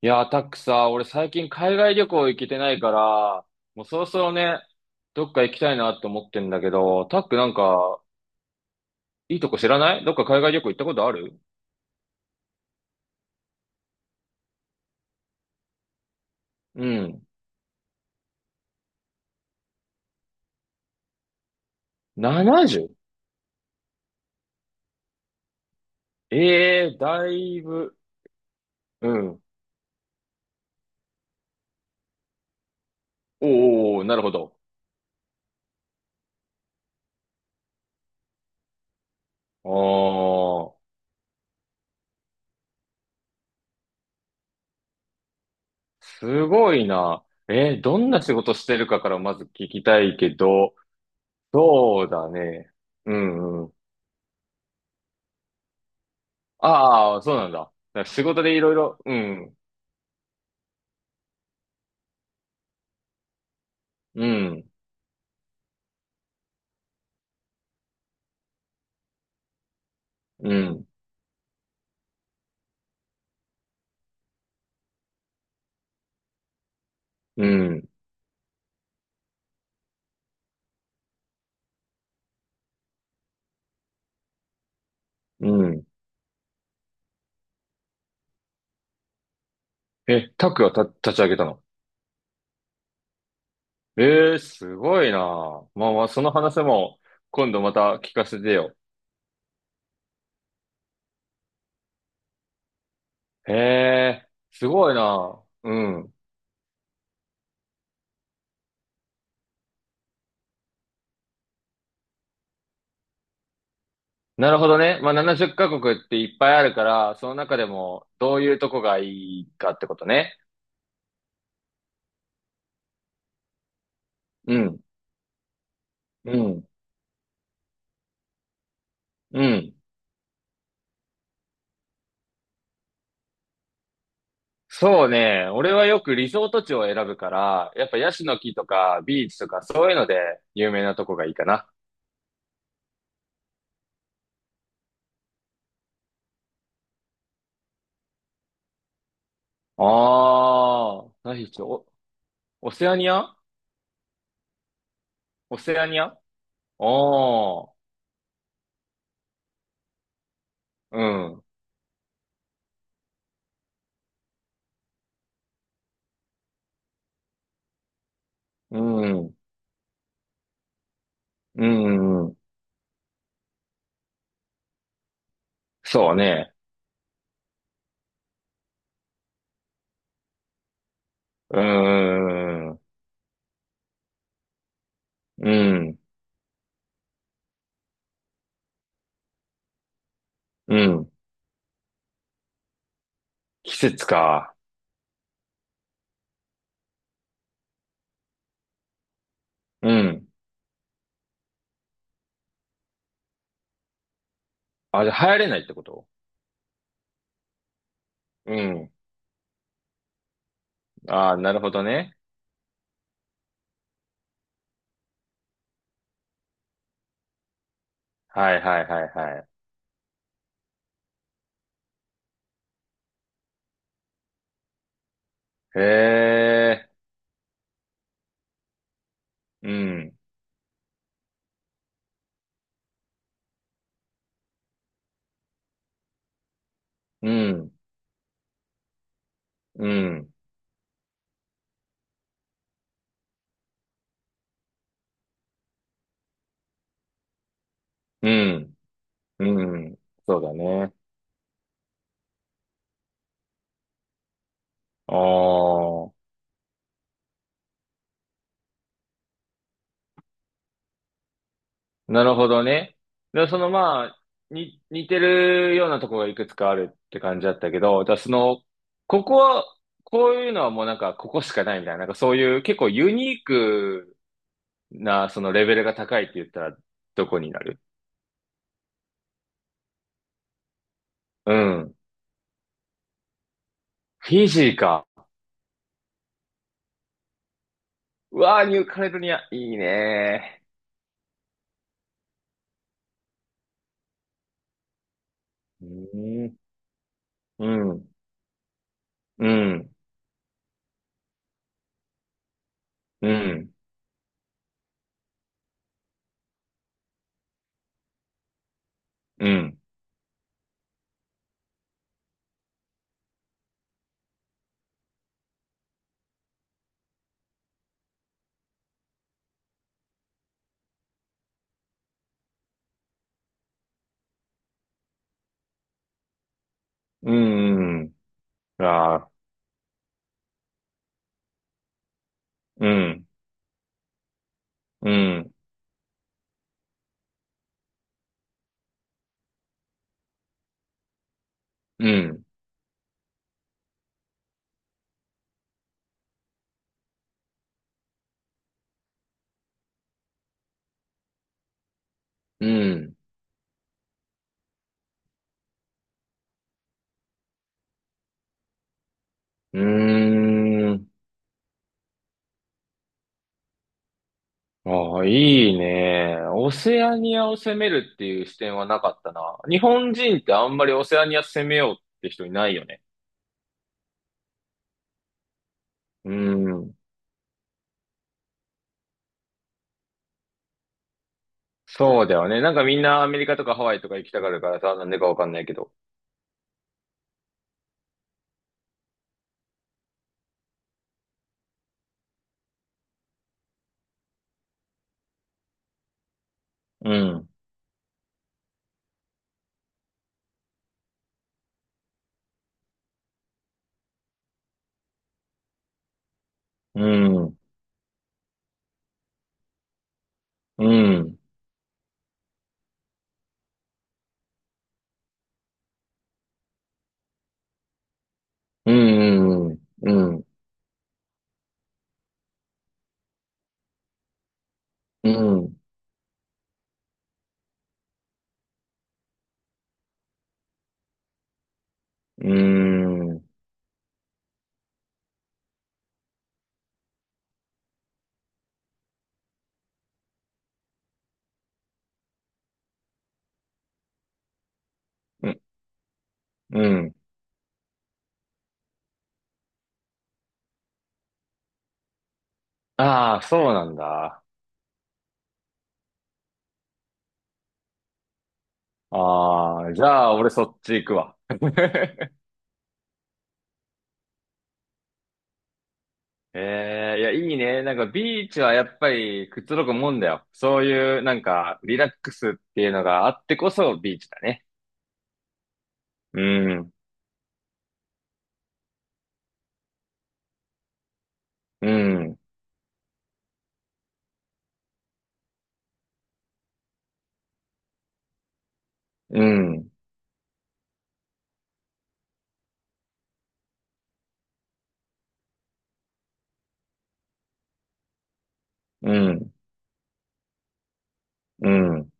いやー、タックさ、俺最近海外旅行行けてないから、もうそろそろね、どっか行きたいなって思ってんだけど、タックなんか、いいとこ知らない？どっか海外旅行行ったことある？うん。70？ ええー、だいぶ。うん。おーおー、なるほど。あー、すごいな。えー、どんな仕事してるかからまず聞きたいけど、そうだね。うんうん。ああ、そうなんだ。だから仕事でいろいろ、うん、うん、うん。うん、うん。え、タックが立ち上げたの？えー、すごいなあ。まあまあ、その話も今度また聞かせてよ。へえ、すごいな。うん。なるほどね。まあ、70カ国っていっぱいあるから、その中でもどういうとこがいいかってことね。うん、うん、うん。そうね。俺はよくリゾート地を選ぶから、やっぱヤシの木とかビーチとかそういうので有名なとこがいいかな。ああ、何し？お、オセアニア？オセアニア？ああ、うん、うん、うん、うん、そうね。うーん、うん、うん。季節か。うん。あ、じゃあ流行れないってこと？うん。ああ、なるほどね。はいはいはいはい。へえ、うん、うん、うん、うん、うん。そうだね。ああ、なるほどね。で、そのまあ、似てるようなところがいくつかあるって感じだったけど、じゃあその、ここは、こういうのはもうなんか、ここしかないみたいな、なんかそういう結構ユニークな、そのレベルが高いって言ったら、どこになる？うん。フィジーか。うわー、ニューカレドニア、いいねー。うん、うん、うん、うん、うん、うん、ああ、うん、うん、うん、うん、うーん。ああ、いいね。オセアニアを攻めるっていう視点はなかったな。日本人ってあんまりオセアニア攻めようって人いないよね。うん。そうだよね。なんかみんなアメリカとかハワイとか行きたがるからさ、なんでかわかんないけど。うん。うん。うん。うん。うん。うん。うん。うん。うん。ああ、そうなんだ。ああ、じゃあ俺そっち行くわ。ええいや、いいね。なんかビーチはやっぱりくつろぐもんだよ。そういうなんかリラックスっていうのがあってこそビーチだね。うん、うん、うん、うん、うん、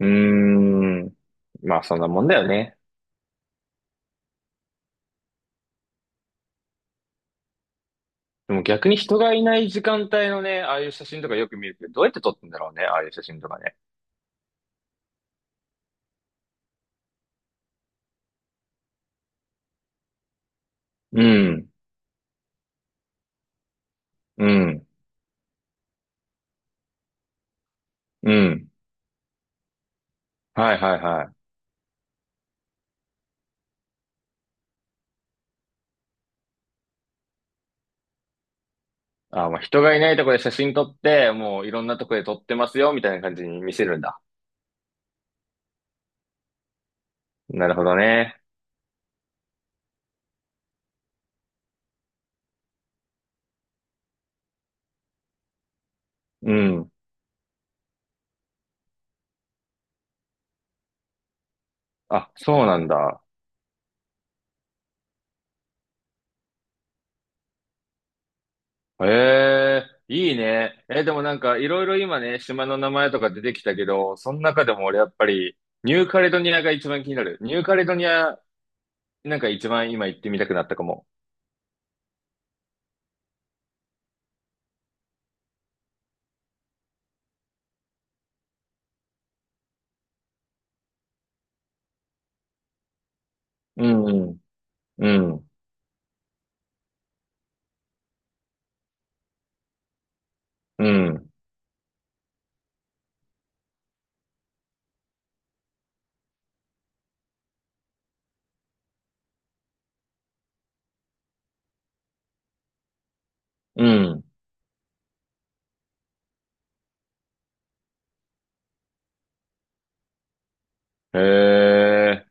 うん。まあそんなもんだよね。でも逆に人がいない時間帯のね、ああいう写真とかよく見るけど、どうやって撮ってんだろうね、ああいう写真とかね。うん、うん、うん。はいはいはい。あ、まあ人がいないとこで写真撮って、もういろんなとこで撮ってますよ、みたいな感じに見せるんだ。なるほどね。うん。あ、そうなんだ。ええ、いいね。え、でもなんかいろいろ今ね、島の名前とか出てきたけど、その中でも俺やっぱりニューカレドニアが一番気になる。ニューカレドニア、なんか一番今行ってみたくなったかも。うん、うん、うん、うん。へえ、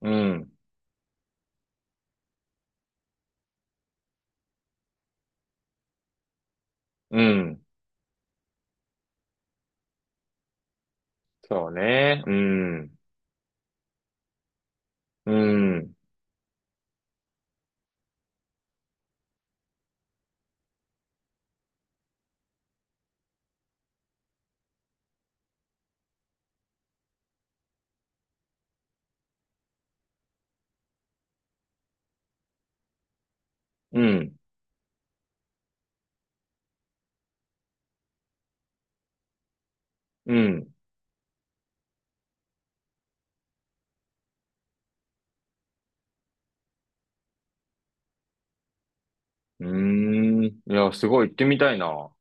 うん、うん。そうね。うん、うん、うん、うん。うーん。いや、すごい行ってみたいな。